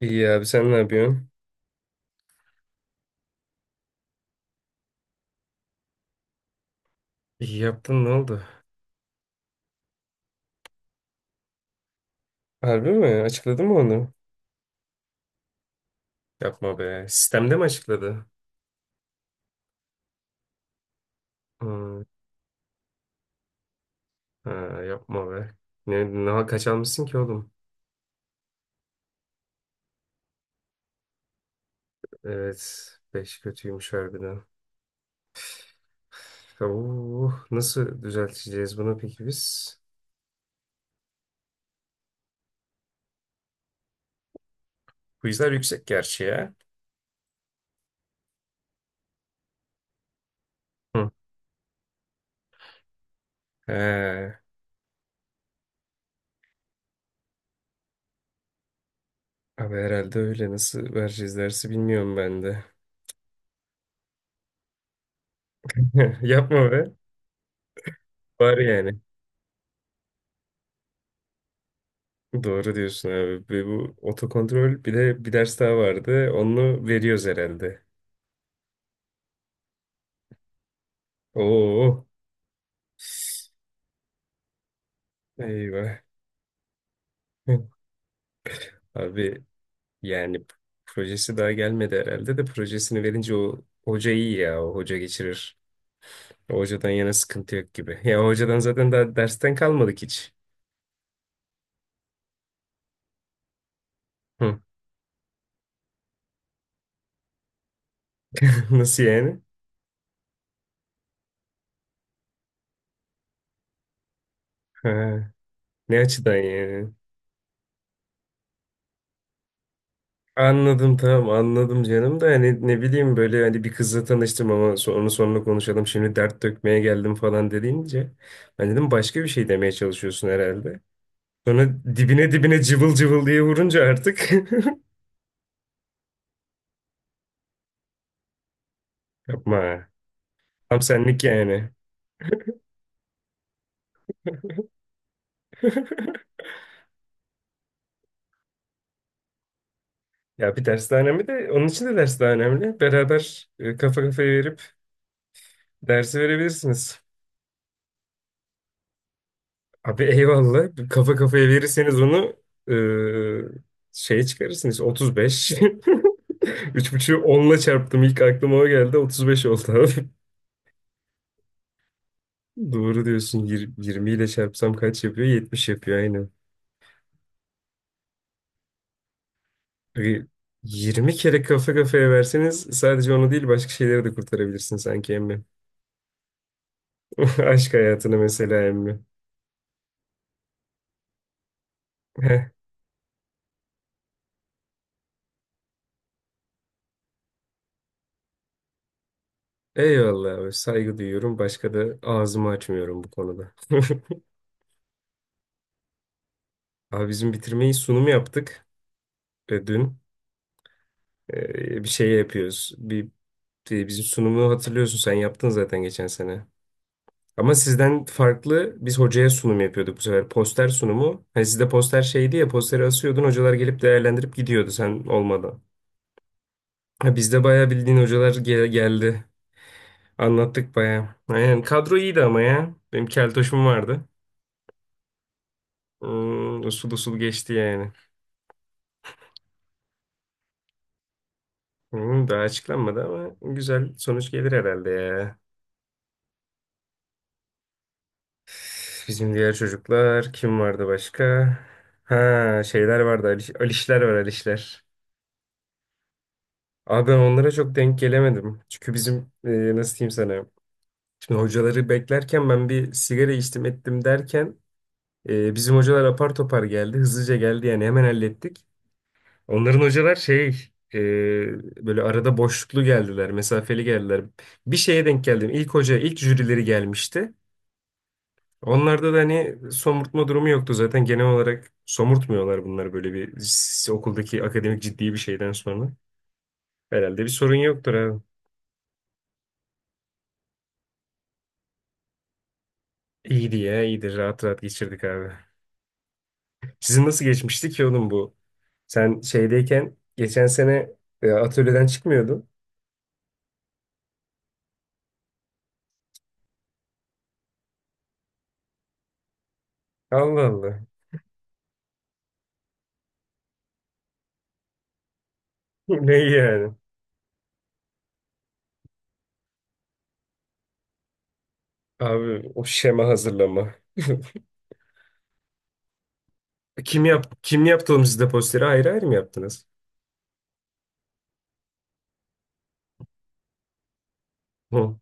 İyi abi sen ne yapıyorsun? İyi yaptın ne oldu? Harbi mi? Açıkladı mı onu? Yapma be. Sistemde mi açıkladı? Hmm. Ha, yapma be. Ne kaç almışsın ki oğlum? Evet. Beş kötüymüş harbiden. Oo, nasıl düzelteceğiz bunu peki biz? Quizler yüksek gerçi ya. Hı. He, abi herhalde öyle. Nasıl vereceğiz dersi bilmiyorum ben de. Yapma be. Var yani. Doğru diyorsun abi. Ve bu otokontrol bir de bir ders daha vardı. Onu veriyoruz herhalde. Oo. Eyvah. Abi yani projesi daha gelmedi herhalde de projesini verince o hoca iyi ya. O hoca geçirir. O hocadan yana sıkıntı yok gibi. Ya o hocadan zaten daha dersten kalmadık hiç. Hı. Nasıl yani? Ha, ne açıdan yani? Anladım, tamam anladım canım da hani ne bileyim böyle hani bir kızla tanıştım ama onu sonra konuşalım, şimdi dert dökmeye geldim falan dediğince ben dedim başka bir şey demeye çalışıyorsun herhalde. Sonra dibine dibine cıvıl cıvıl diye vurunca artık yapma, tam senlik yani. Ya bir ders daha önemli de onun için de ders daha önemli. Beraber kafa kafaya verip dersi verebilirsiniz. Abi eyvallah. Kafa kafaya verirseniz onu şeye çıkarırsınız. 35. 3.5'ü onla çarptım. İlk aklıma o geldi. 35 oldu abi. Doğru diyorsun. 20 ile çarpsam kaç yapıyor? 70 yapıyor aynen. Abi 20 kere kafa kafaya verseniz sadece onu değil başka şeyleri de kurtarabilirsin sanki emmi. Aşk hayatını mesela emmi. Heh. Eyvallah abi. Saygı duyuyorum. Başka da ağzımı açmıyorum bu konuda. Abi bizim bitirmeyi sunum yaptık dün. Bir şey yapıyoruz. Bizim sunumu hatırlıyorsun, sen yaptın zaten geçen sene. Ama sizden farklı biz hocaya sunum yapıyorduk bu sefer. Poster sunumu. Hani sizde poster şeydi ya, posteri asıyordun, hocalar gelip değerlendirip gidiyordu sen olmadan. Ha, bizde bayağı bildiğin hocalar geldi. Anlattık bayağı. Aynen kadro iyiydi ama ya. Benim keltoşum vardı. Usul usul geçti yani. Daha açıklanmadı ama güzel sonuç gelir herhalde ya. Bizim diğer çocuklar kim vardı başka? Ha, şeyler vardı, Ali, Alişler var, Alişler. Abi ben onlara çok denk gelemedim. Çünkü bizim nasıl diyeyim sana. Şimdi hocaları beklerken ben bir sigara içtim ettim derken bizim hocalar apar topar geldi. Hızlıca geldi yani, hemen hallettik. Onların hocalar şey e, böyle arada boşluklu geldiler. Mesafeli geldiler. Bir şeye denk geldim. İlk hoca, ilk jürileri gelmişti. Onlarda da hani somurtma durumu yoktu zaten. Genel olarak somurtmuyorlar bunları, böyle bir okuldaki akademik ciddi bir şeyden sonra. Herhalde bir sorun yoktur abi. İyiydi ya, iyidir. Rahat rahat geçirdik abi. Sizin nasıl geçmişti ki oğlum bu? Sen şeydeyken geçen sene atölyeden çıkmıyordun. Allah Allah. Ne iyi yani? Abi o şema hazırlama. Kim yaptı oğlum, sizde posteri ayrı ayrı mı yaptınız? Hı.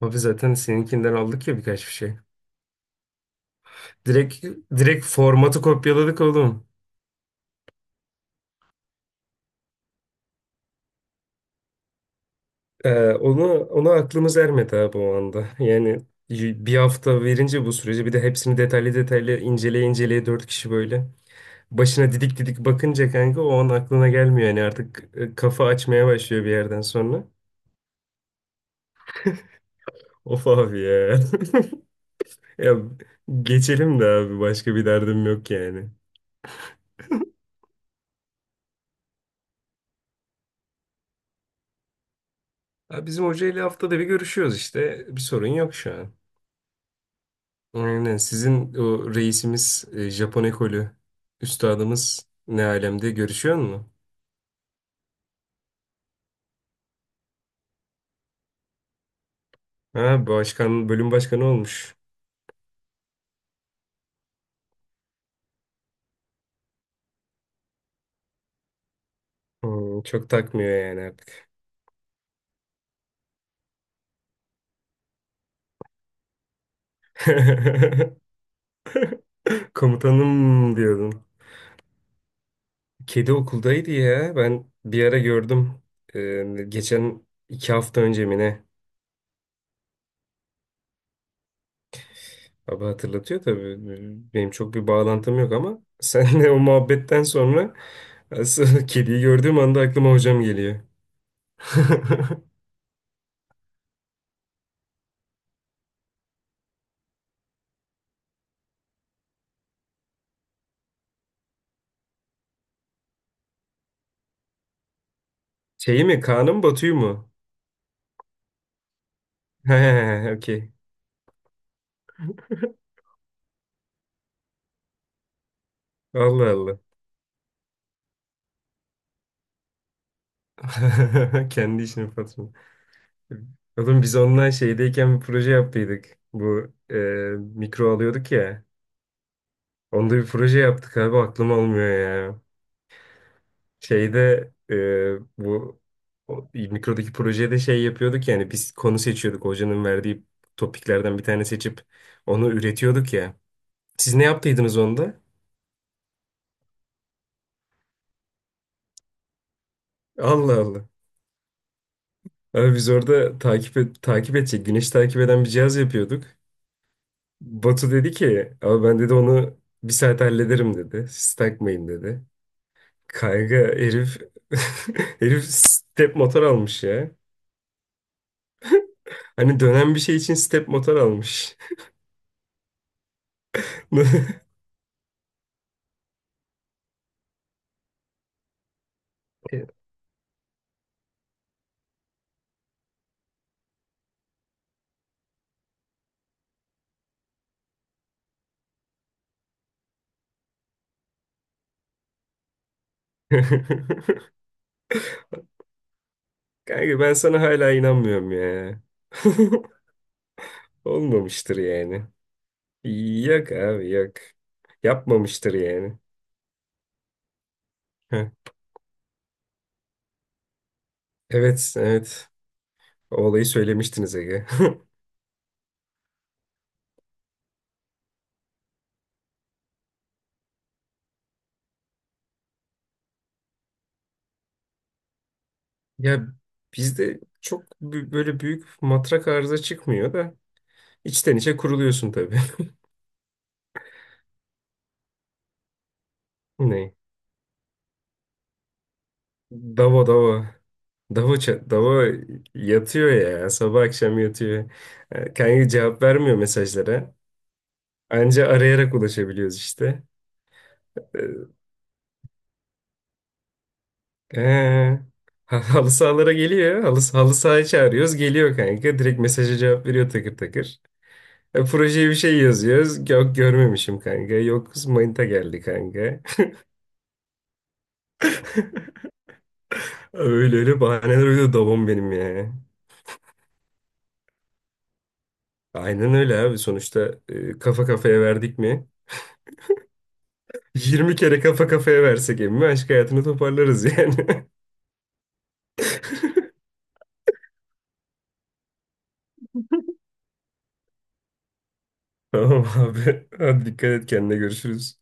Abi zaten seninkinden aldık ya birkaç bir şey. Direkt direkt formatı kopyaladık oğlum. Onu ona aklımız ermedi abi o anda. Yani bir hafta verince bu süreci, bir de hepsini detaylı detaylı inceleye inceleye, 4 kişi böyle başına didik didik bakınca kanka o an aklına gelmiyor yani artık, kafa açmaya başlıyor bir yerden sonra. Of abi ya. Ya geçelim de abi, başka bir derdim yok yani. Ha, bizim hocayla haftada bir görüşüyoruz işte. Bir sorun yok şu an. Aynen. Sizin o reisimiz, Japon ekolü üstadımız ne alemde, görüşüyor mu? Ha, başkan, bölüm başkanı olmuş. Çok takmıyor yani artık. Komutanım diyordun. Kedi okuldaydı ya. Ben bir ara gördüm. Geçen 2 hafta önce mi ne? Abi hatırlatıyor tabii. Benim çok bir bağlantım yok ama senle o muhabbetten sonra asıl kediyi gördüğüm anda aklıma hocam geliyor. Şeyi mi? Kaan'ı mı, Batu'yu mu? He, okey. Allah Allah. Kendi işinin patronu. Oğlum biz onunla şeydeyken bir proje yaptıydık. Bu mikro alıyorduk ya. Onda bir proje yaptık abi, aklım almıyor ya. Şeyde bu o, mikrodaki projede şey yapıyorduk yani, biz konu seçiyorduk. Hocanın verdiği topiklerden bir tane seçip onu üretiyorduk ya. Siz ne yaptıydınız onda? Allah Allah. Abi biz orada takip et, takip edecek, güneş takip eden bir cihaz yapıyorduk. Batu dedi ki, abi ben dedi onu bir saat hallederim dedi. Siz takmayın dedi. Kayga herif, herif step motor almış ya. Hani dönen bir şey için step motor almış. Kanka ben sana hala inanmıyorum ya. Olmamıştır yani. Yok abi yok. Yapmamıştır yani. Heh. Evet, evet. O olayı söylemiştiniz Ege. Ya bizde çok böyle büyük matrak arıza çıkmıyor da içten içe kuruluyorsun tabii. Ne? Dava, Dava. Dava yatıyor ya. Sabah akşam yatıyor. Kanka cevap vermiyor mesajlara. Anca arayarak ulaşabiliyoruz işte. E, he. Halı sahalara geliyor. Halı sahaya çağırıyoruz. Geliyor kanka. Direkt mesaja cevap veriyor takır takır. Projeye bir şey yazıyoruz. Yok, görmemişim kanka. Yok, manita geldi kanka. Öyle öyle bahaneler uydu babam benim yani. Aynen öyle abi, sonuçta kafa kafaya verdik mi? 20 kere kafa kafaya versek emmi aşk hayatını toparlarız yani. Tamam abi. Hadi dikkat et kendine, görüşürüz.